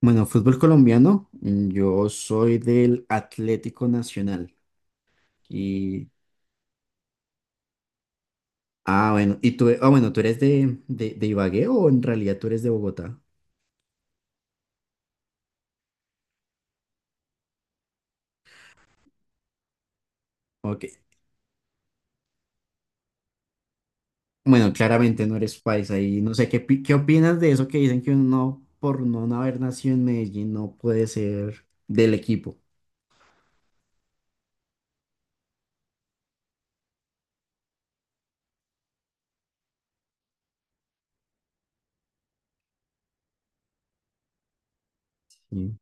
Bueno, fútbol colombiano, yo soy del Atlético Nacional y bueno, y tú, bueno, ¿tú eres de, de Ibagué o en realidad tú eres de Bogotá? Ok. Bueno, claramente no eres paisa y no sé qué, qué opinas de eso que dicen que uno por no haber nacido en Medellín no puede ser del equipo. Sí.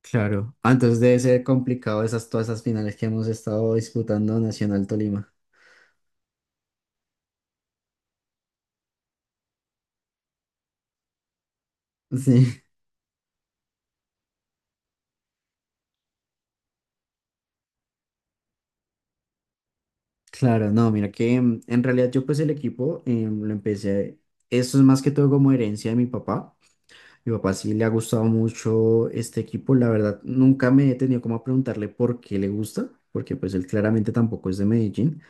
Claro. Entonces debe ser complicado esas todas esas finales que hemos estado disputando Nacional Tolima. Sí. Claro, no, mira que en realidad yo pues el equipo lo empecé. Eso es más que todo como herencia de mi papá. Mi papá sí le ha gustado mucho este equipo, la verdad nunca me he tenido como a preguntarle por qué le gusta, porque pues él claramente tampoco es de Medellín.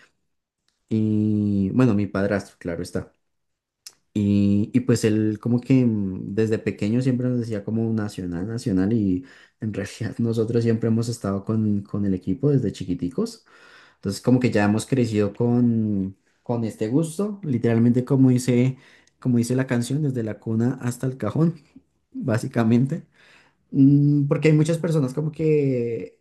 Y bueno, mi padrastro, claro está. Y pues él como que desde pequeño siempre nos decía como nacional, nacional y en realidad nosotros siempre hemos estado con, el equipo desde chiquiticos. Entonces, como que ya hemos crecido con, este gusto, literalmente como dice la canción, desde la cuna hasta el cajón, básicamente. Porque hay muchas personas como que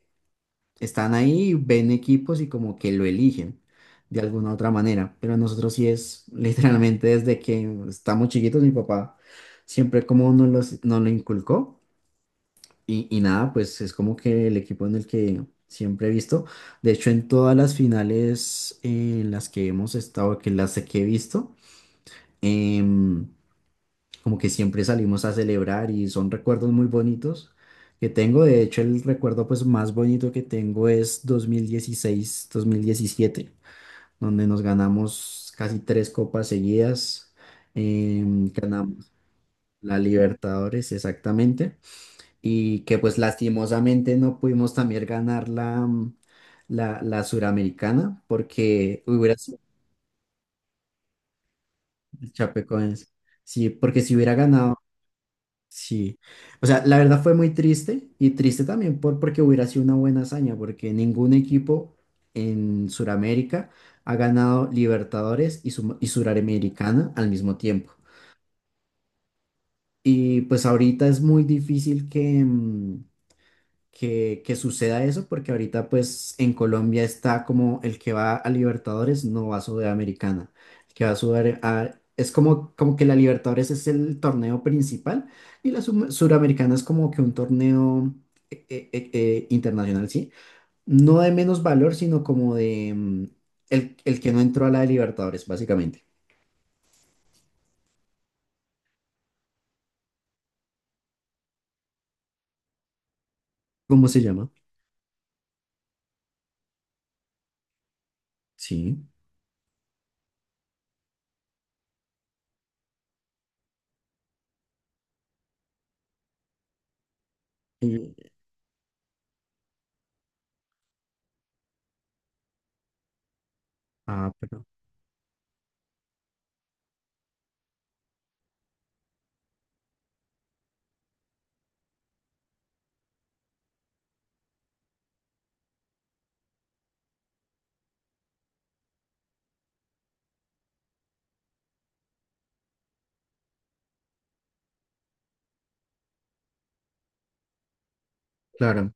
están ahí, ven equipos y como que lo eligen de alguna u otra manera, pero nosotros sí es literalmente desde que estamos chiquitos, mi papá siempre como nos lo inculcó. Y nada, pues es como que el equipo en el que siempre he visto. De hecho, en todas las finales en las que hemos estado, que las que he visto, em, como que siempre salimos a celebrar y son recuerdos muy bonitos que tengo. De hecho, el recuerdo pues más bonito que tengo es dos mil dieciséis mil diecisiete donde nos ganamos casi tres copas seguidas. Ganamos la Libertadores, exactamente, y que pues lastimosamente no pudimos también ganar la, la, Suramericana porque hubiera sido el Chapecoense. Sí, porque si hubiera ganado, sí. O sea, la verdad fue muy triste y triste también porque hubiera sido una buena hazaña, porque ningún equipo en Suramérica ha ganado Libertadores y Suramericana al mismo tiempo. Y pues ahorita es muy difícil que, que suceda eso, porque ahorita pues en Colombia está como el que va a Libertadores no va a Sudamericana, el que va a Sudamericana es como, que la Libertadores es el torneo principal y la Suramericana es como que un torneo internacional, ¿sí? No de menos valor, sino como de el, que no entró a la de Libertadores, básicamente. ¿Cómo se llama? Sí. Y- pero claro.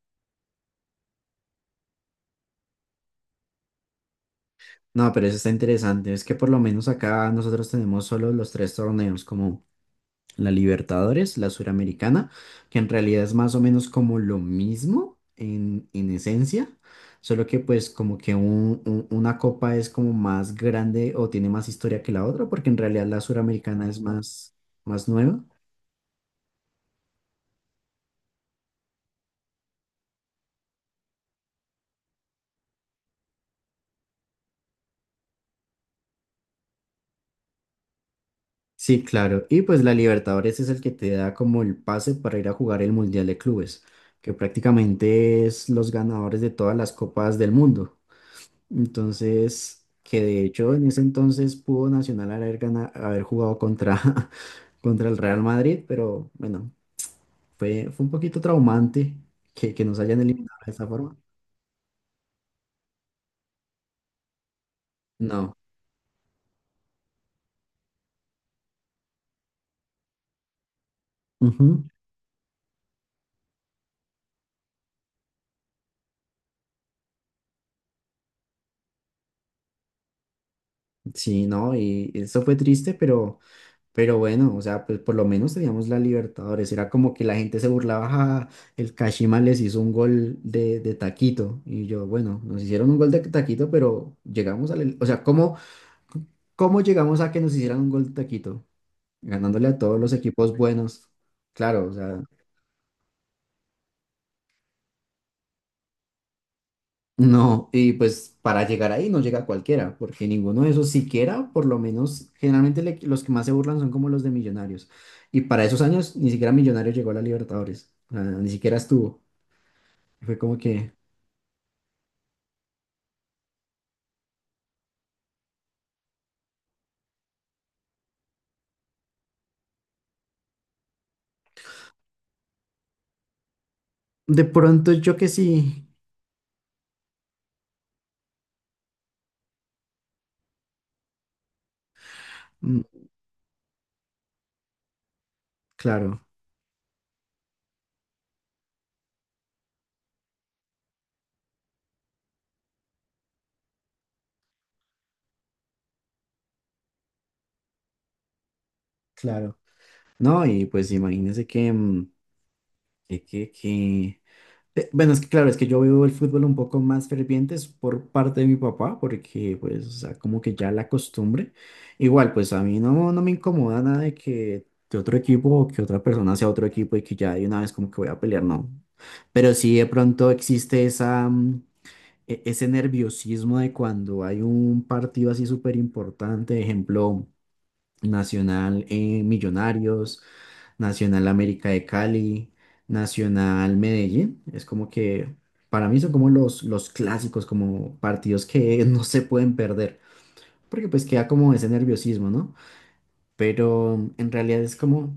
No, pero eso está interesante. Es que por lo menos acá nosotros tenemos solo los tres torneos, como la Libertadores, la Suramericana, que en realidad es más o menos como lo mismo en, esencia, solo que pues como que una copa es como más grande o tiene más historia que la otra, porque en realidad la Suramericana es más nueva. Sí, claro. Y pues la Libertadores es el que te da como el pase para ir a jugar el Mundial de Clubes, que prácticamente es los ganadores de todas las copas del mundo. Entonces, que de hecho en ese entonces pudo Nacional haber jugado contra, contra el Real Madrid, pero bueno, fue un poquito traumante que nos hayan eliminado de esa forma. No. Ujú. Sí, no, y eso fue triste, pero, bueno, o sea, pues por lo menos teníamos la Libertadores. Era como que la gente se burlaba, "Ja, el Kashima les hizo un gol de, taquito". Y yo, bueno, nos hicieron un gol de taquito, pero llegamos al... O sea, ¿cómo? ¿Cómo llegamos a que nos hicieran un gol de taquito? Ganándole a todos los equipos buenos. Claro, o sea, no. Y pues para llegar ahí no llega cualquiera, porque ninguno de esos siquiera, por lo menos, generalmente los que más se burlan son como los de Millonarios. Y para esos años ni siquiera Millonarios llegó a la Libertadores. O sea, ni siquiera estuvo. Fue como que, de pronto yo que sí. Mm, claro, claro. No, y pues imagínense que Bueno, es que claro, es que yo vivo el fútbol un poco más ferviente es por parte de mi papá, porque pues, o sea, como que ya la costumbre. Igual, pues a mí no me incomoda nada de que otro equipo o que otra persona sea otro equipo y que ya de una vez como que voy a pelear, no. Pero sí de pronto existe ese nerviosismo de cuando hay un partido así súper importante, ejemplo. Nacional, Millonarios, Nacional América de Cali, Nacional Medellín. Es como que para mí son como los clásicos, como partidos que no se pueden perder, porque pues queda como ese nerviosismo, ¿no? Pero en realidad es como,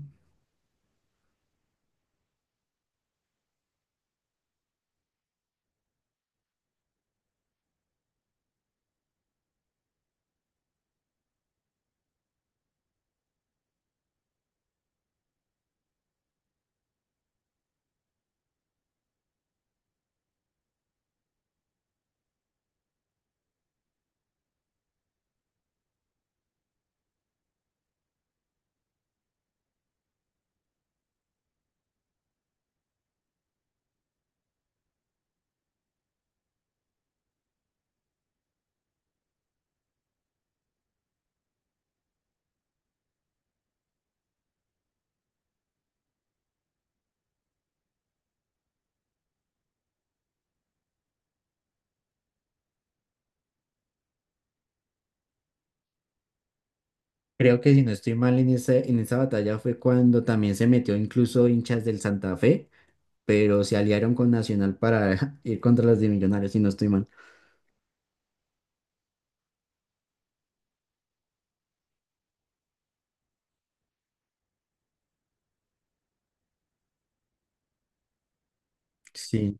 creo que si no estoy mal en esa batalla fue cuando también se metió incluso hinchas del Santa Fe, pero se aliaron con Nacional para ir contra las de Millonarios, si no estoy mal. Sí.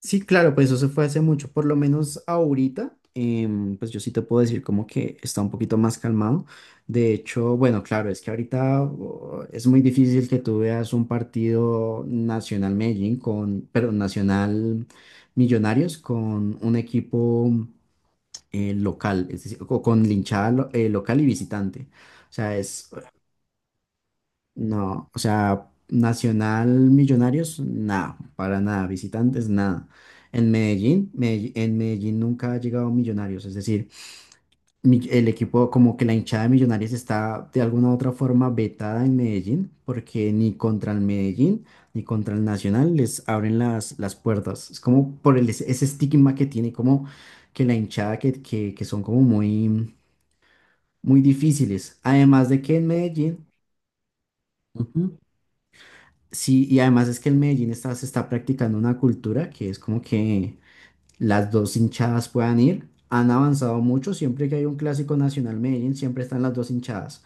Sí, claro, pues eso se fue hace mucho, por lo menos ahorita, pues yo sí te puedo decir como que está un poquito más calmado. De hecho, bueno, claro, es que ahorita oh, es muy difícil que tú veas un partido Nacional Medellín con, perdón, Nacional Millonarios con un equipo local, es decir, con linchada local y visitante. O sea, es no, o sea, Nacional Millonarios, nada, para nada, visitantes, nada. En Medellín nunca ha llegado Millonarios, es decir, el equipo, como que la hinchada de Millonarios está de alguna u otra forma vetada en Medellín, porque ni contra el Medellín ni contra el Nacional les abren las puertas. Es como por el, ese ese estigma que tiene, como que la hinchada que son como muy muy difíciles. Además de que en Medellín... Sí, y además es que en Medellín se está practicando una cultura que es como que las dos hinchadas puedan ir. Han avanzado mucho, siempre que hay un clásico nacional Medellín, siempre están las dos hinchadas.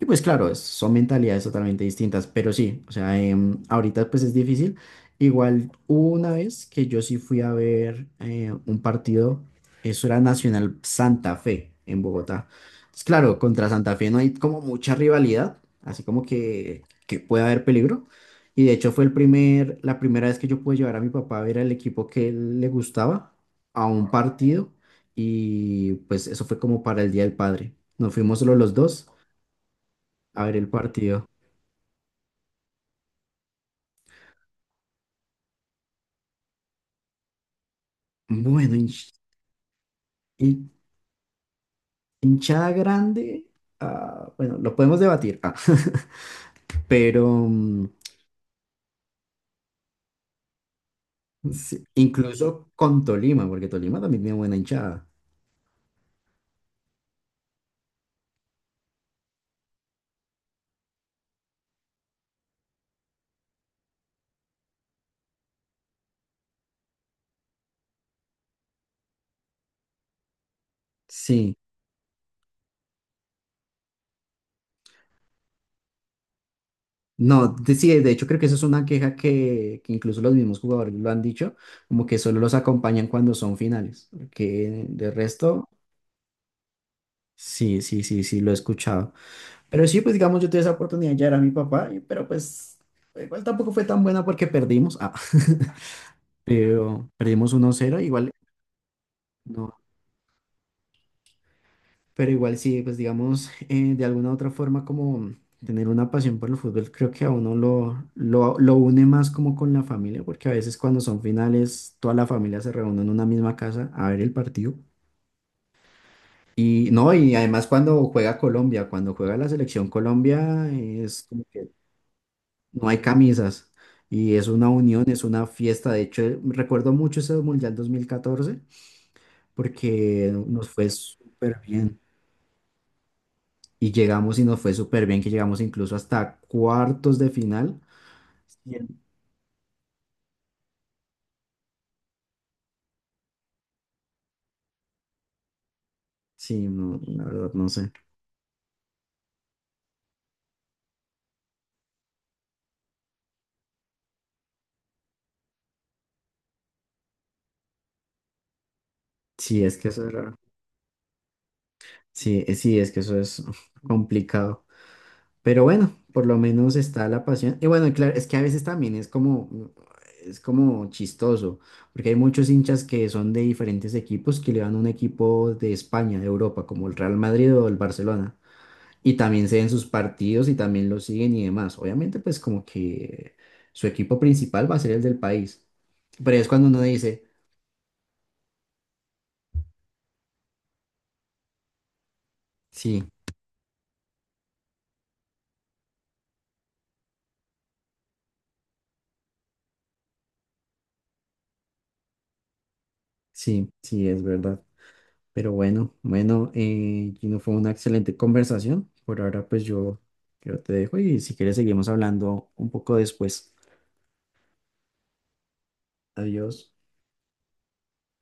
Y pues claro, son mentalidades totalmente distintas, pero sí, o sea, ahorita pues es difícil. Igual hubo una vez que yo sí fui a ver un partido, eso era Nacional Santa Fe en Bogotá. Entonces, claro, contra Santa Fe no hay como mucha rivalidad, así como que puede haber peligro. Y de hecho fue el primer, la primera vez que yo pude llevar a mi papá a ver al equipo que él le gustaba a un partido y pues eso fue como para el Día del Padre. Nos fuimos solo los dos a ver el partido. Bueno, hin- hinchada grande, bueno, lo podemos debatir, pero sí, incluso con Tolima, porque Tolima también tiene buena hinchada. Sí, no, sí, de hecho creo que eso es una queja que incluso los mismos jugadores lo han dicho, como que solo los acompañan cuando son finales, que de resto, sí, sí, sí, sí, lo he escuchado. Pero sí, pues digamos, yo tuve esa oportunidad, ya era mi papá, pero pues igual tampoco fue tan buena porque perdimos. Ah. Pero perdimos 1-0 igual, no, pero igual sí, pues digamos, de alguna u otra forma como tener una pasión por el fútbol, creo que a uno lo une más como con la familia, porque a veces cuando son finales, toda la familia se reúne en una misma casa a ver el partido. Y no, y además cuando juega Colombia, cuando juega la selección Colombia, es como que no hay camisas y es una unión, es una fiesta. De hecho, recuerdo mucho ese Mundial 2014 porque nos fue súper bien. Y llegamos y nos fue súper bien, que llegamos incluso hasta cuartos de final. Y en- Sí, no, la verdad no sé. Sí, es que eso era, sí, sí, es que eso es complicado. Pero bueno, por lo menos está la pasión. Y bueno, y claro, es que a veces también es como, es como chistoso, porque hay muchos hinchas que son de diferentes equipos que le van a un equipo de España, de Europa, como el Real Madrid o el Barcelona. Y también se ven sus partidos y también lo siguen y demás. Obviamente, pues como que su equipo principal va a ser el del país. Pero es cuando uno dice, sí, sí, sí, es verdad. Pero bueno, bueno, Gino, fue una excelente conversación. Por ahora, pues yo te dejo y si quieres seguimos hablando un poco después. Adiós.